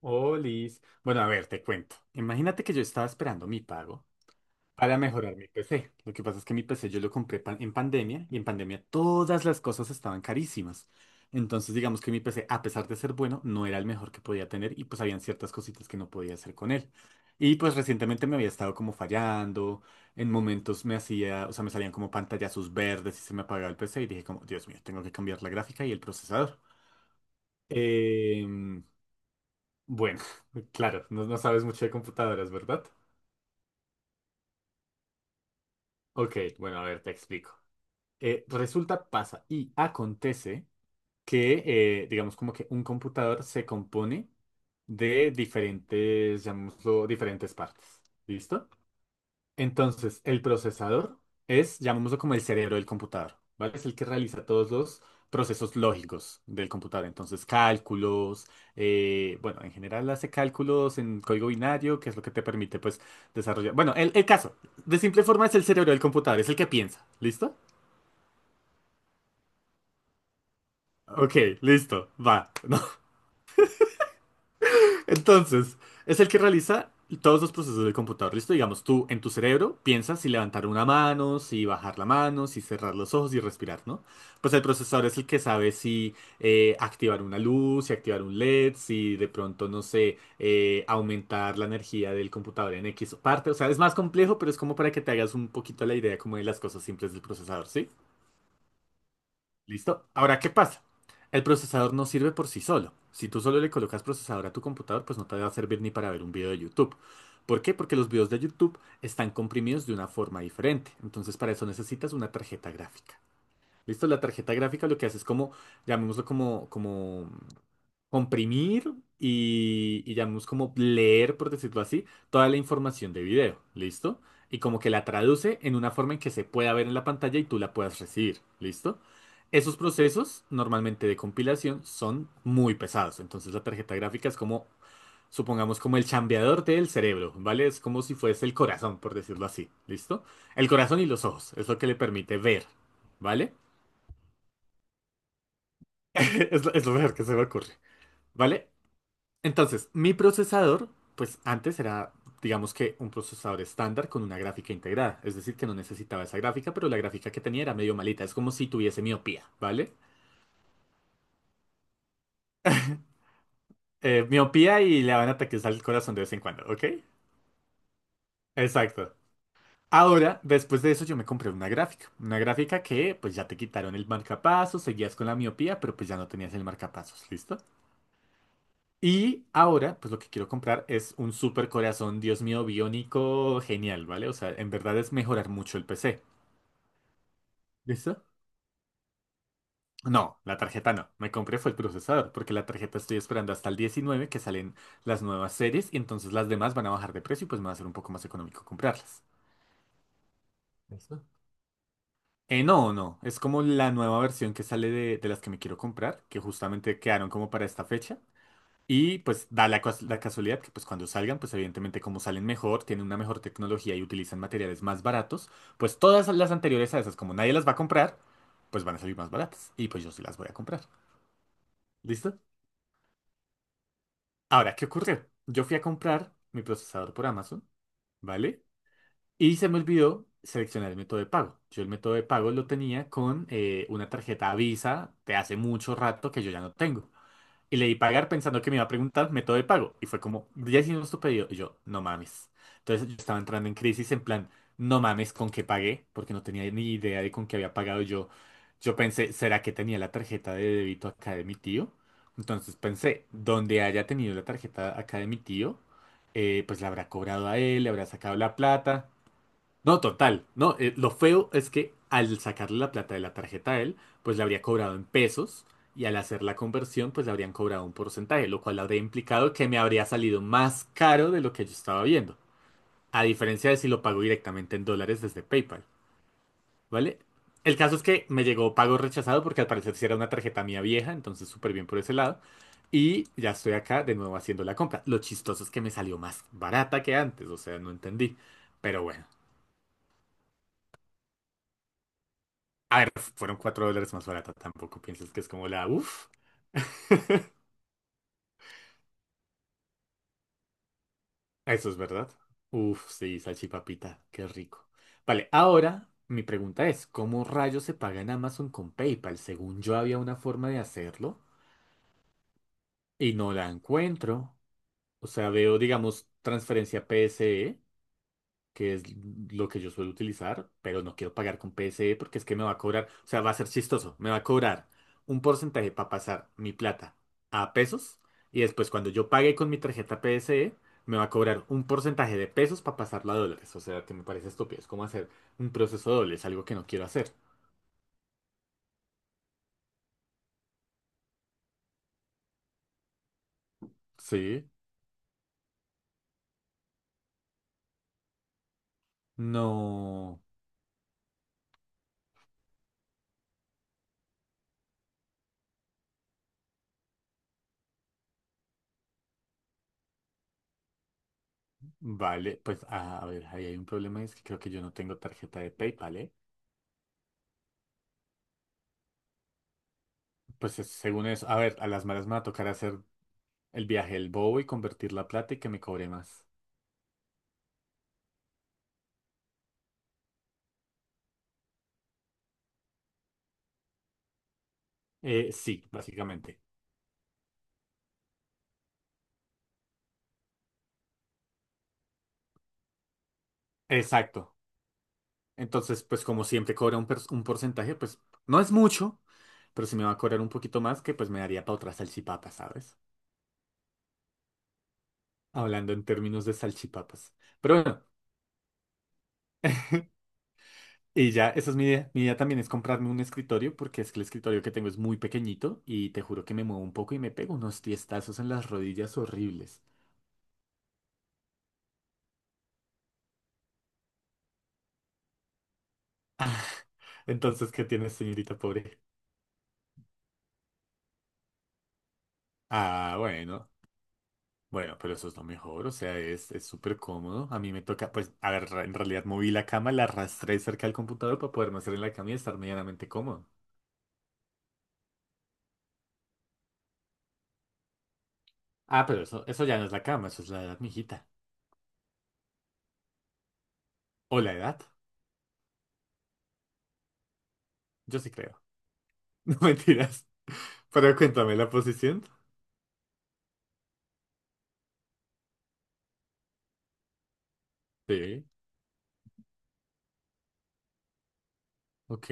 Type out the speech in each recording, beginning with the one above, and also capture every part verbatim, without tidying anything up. Oh, Liz. Bueno, a ver, te cuento. Imagínate que yo estaba esperando mi pago para mejorar mi P C. Lo que pasa es que mi P C yo lo compré pa- en pandemia y en pandemia todas las cosas estaban carísimas. Entonces, digamos que mi P C, a pesar de ser bueno, no era el mejor que podía tener y pues habían ciertas cositas que no podía hacer con él. Y pues recientemente me había estado como fallando. En momentos me hacía, o sea, me salían como pantallazos verdes y se me apagaba el P C y dije como, Dios mío, tengo que cambiar la gráfica y el procesador. Em, bueno, claro, no, no sabes mucho de computadoras, ¿verdad? Ok, bueno, a ver, te explico. Eh, resulta, pasa y acontece que, eh, digamos, como que un computador se compone de diferentes, llamémoslo, diferentes partes. ¿Listo? Entonces, el procesador es, llamémoslo como el cerebro del computador, ¿vale? Es el que realiza todos los procesos lógicos del computador. Entonces, cálculos, eh, bueno, en general hace cálculos en código binario, que es lo que te permite, pues, desarrollar. Bueno, el, el caso, de simple forma es el cerebro del computador, es el que piensa, ¿listo? Ok, listo, va. Entonces, es el que realiza todos los procesos del computador, ¿listo? Digamos, tú en tu cerebro piensas si levantar una mano, si bajar la mano, si cerrar los ojos y respirar, ¿no? Pues el procesador es el que sabe si eh, activar una luz, si activar un LED, si de pronto, no sé, eh, aumentar la energía del computador en X parte. O sea, es más complejo, pero es como para que te hagas un poquito la idea como de las cosas simples del procesador, ¿sí? ¿Listo? Ahora, ¿qué pasa? El procesador no sirve por sí solo. Si tú solo le colocas procesador a tu computador, pues no te va a servir ni para ver un video de YouTube. ¿Por qué? Porque los videos de YouTube están comprimidos de una forma diferente. Entonces, para eso necesitas una tarjeta gráfica. ¿Listo? La tarjeta gráfica lo que hace es como, llamémoslo como, como comprimir y, y llamamos como leer, por decirlo así, toda la información de video, ¿listo? Y como que la traduce en una forma en que se pueda ver en la pantalla y tú la puedas recibir, ¿listo? Esos procesos normalmente de compilación son muy pesados, entonces la tarjeta gráfica es como, supongamos, como el chambeador del cerebro, ¿vale? Es como si fuese el corazón, por decirlo así, ¿listo? El corazón y los ojos, es lo que le permite ver, ¿vale? Es lo, es lo mejor que se me ocurre, ¿vale? Entonces, mi procesador, pues antes era, digamos que un procesador estándar con una gráfica integrada. Es decir, que no necesitaba esa gráfica, pero la gráfica que tenía era medio malita. Es como si tuviese miopía, ¿vale? Eh, miopía y le van ataques al corazón de vez en cuando, ¿ok? Exacto. Ahora, después de eso, yo me compré una gráfica. Una gráfica que, pues ya te quitaron el marcapasos, seguías con la miopía, pero pues ya no tenías el marcapasos, ¿listo? Y ahora, pues lo que quiero comprar es un super corazón, Dios mío, biónico, genial, ¿vale? O sea, en verdad es mejorar mucho el P C. ¿Listo? No, la tarjeta no. Me compré fue el procesador, porque la tarjeta estoy esperando hasta el diecinueve que salen las nuevas series y entonces las demás van a bajar de precio y pues me va a ser un poco más económico comprarlas. ¿Listo? Eh, no, no. Es como la nueva versión que sale de, de las que me quiero comprar, que justamente quedaron como para esta fecha. Y pues da la, cas- la casualidad que pues cuando salgan, pues evidentemente como salen mejor, tienen una mejor tecnología y utilizan materiales más baratos, pues todas las anteriores a esas, como nadie las va a comprar, pues van a salir más baratas. Y pues yo sí las voy a comprar. ¿Listo? Ahora, ¿qué ocurrió? Yo fui a comprar mi procesador por Amazon, ¿vale? Y se me olvidó seleccionar el método de pago. Yo el método de pago lo tenía con eh, una tarjeta Visa de hace mucho rato que yo ya no tengo. Y le di pagar pensando que me iba a preguntar método de pago. Y fue como, ya hicimos tu pedido. Y yo, no mames. Entonces yo estaba entrando en crisis en plan, no mames con qué pagué, porque no tenía ni idea de con qué había pagado yo. Yo pensé, ¿será que tenía la tarjeta de débito acá de mi tío? Entonces pensé, donde haya tenido la tarjeta acá de mi tío, eh, pues la habrá cobrado a él, le habrá sacado la plata. No, total. No, eh, lo feo es que al sacarle la plata de la tarjeta a él, pues le habría cobrado en pesos y al hacer la conversión, pues le habrían cobrado un porcentaje, lo cual habría implicado que me habría salido más caro de lo que yo estaba viendo. A diferencia de si lo pago directamente en dólares desde PayPal, ¿vale? El caso es que me llegó pago rechazado porque al parecer sí era una tarjeta mía vieja, entonces súper bien por ese lado. Y ya estoy acá de nuevo haciendo la compra. Lo chistoso es que me salió más barata que antes, o sea, no entendí. Pero bueno. A ver, fueron cuatro dólares más barata, tampoco piensas que es como la uff. Eso es verdad. Uf, sí, salchipapita, qué rico. Vale, ahora mi pregunta es, ¿cómo rayos se paga en Amazon con PayPal? Según yo había una forma de hacerlo y no la encuentro. O sea, veo, digamos, transferencia P S E que es lo que yo suelo utilizar, pero no quiero pagar con P S E porque es que me va a cobrar, o sea, va a ser chistoso, me va a cobrar un porcentaje para pasar mi plata a pesos y después cuando yo pague con mi tarjeta P S E, me va a cobrar un porcentaje de pesos para pasarla a dólares, o sea, que me parece estúpido, es como hacer un proceso doble, es algo que no quiero hacer. Sí, no, vale, pues a, a ver, ahí hay un problema, es que creo que yo no tengo tarjeta de PayPal, ¿eh? Pues es- según eso, a ver, a las malas me va a tocar hacer el viaje del bobo y convertir la plata y que me cobre más. Eh, sí, básicamente. Exacto. Entonces, pues como siempre cobra un, pers- un porcentaje, pues no es mucho, pero si me va a cobrar un poquito más, que pues me daría para otra salchipapa, ¿sabes? Hablando en términos de salchipapas. Pero bueno, y ya, esa es mi idea. Mi idea también es comprarme un escritorio, porque es que el escritorio que tengo es muy pequeñito y te juro que me muevo un poco y me pego unos tiestazos en las rodillas horribles. Entonces, ¿qué tienes, señorita pobre? Ah, bueno. Bueno, pero eso es lo mejor, o sea, es, es súper cómodo. A mí me toca, pues, a ver, en realidad moví la cama, la arrastré cerca del computador para poderme hacer en la cama y estar medianamente cómodo. Ah, pero eso, eso ya no es la cama, eso es la edad, mijita. O la edad, yo sí creo. No mentiras. Pero cuéntame la posición. Sí, ok.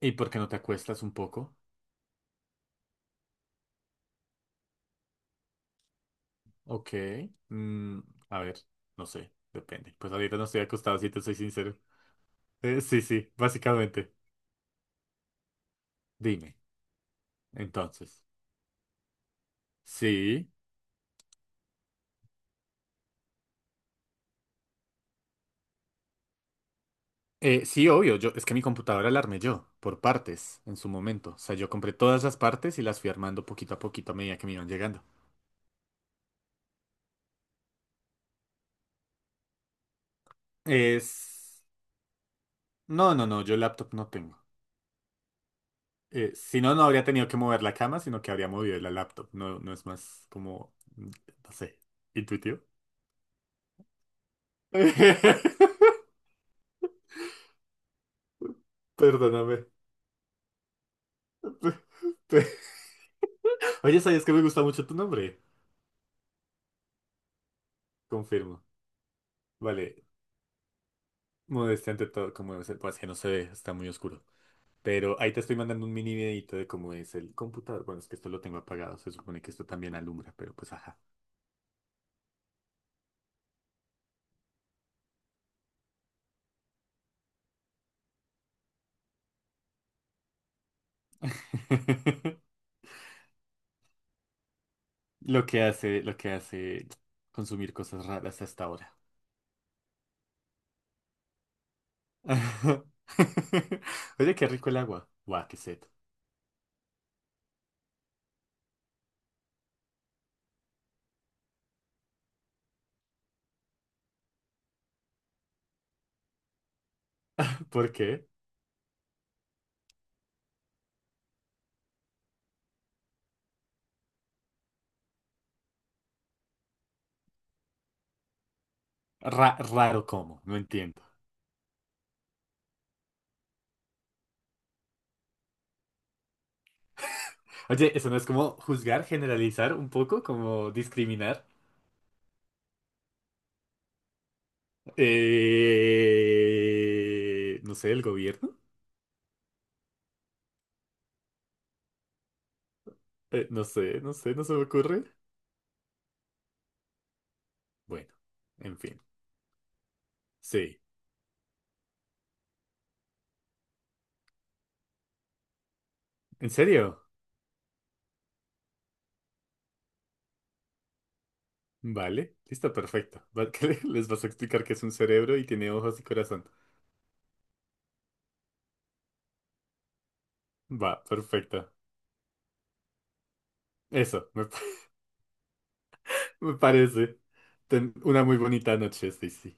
¿Y por qué no te acuestas un poco? Ok. Mm, a ver, no sé, depende. Pues ahorita no estoy acostado, si te soy sincero. Eh, sí, sí, básicamente. Dime, entonces. Sí. Eh, sí, obvio, yo, es que mi computadora la armé yo, por partes, en su momento. O sea, yo compré todas las partes y las fui armando poquito a poquito a medida que me iban llegando. Es... No, no, no, yo laptop no tengo. Eh, si no, no habría tenido que mover la cama, sino que habría movido la laptop. No, no es más como, mm, no sé, intuitivo. Perdóname. Oye, ¿sabías que me gusta mucho tu nombre? Confirmo. Vale, modestia ante todo, como debe ser, pues que no se ve, está muy oscuro. Pero ahí te estoy mandando un mini videito de cómo es el computador. Bueno, es que esto lo tengo apagado. Se supone que esto también alumbra, pero pues ajá. Lo que hace, lo que hace consumir cosas raras hasta ahora. Oye, qué rico el agua. Guau, qué sed. ¿Por qué? Ra- raro cómo, no entiendo. Oye, ¿eso no es como juzgar, generalizar un poco, como discriminar? Eh, No sé, el gobierno. Eh, no sé, no sé, no se me ocurre. Bueno, en fin. Sí. ¿En serio? Vale, listo, perfecto. Va- que les vas a explicar que es un cerebro y tiene ojos y corazón. Va, perfecto. Eso, me, pa- me parece. Ten una muy bonita noche, Stacy.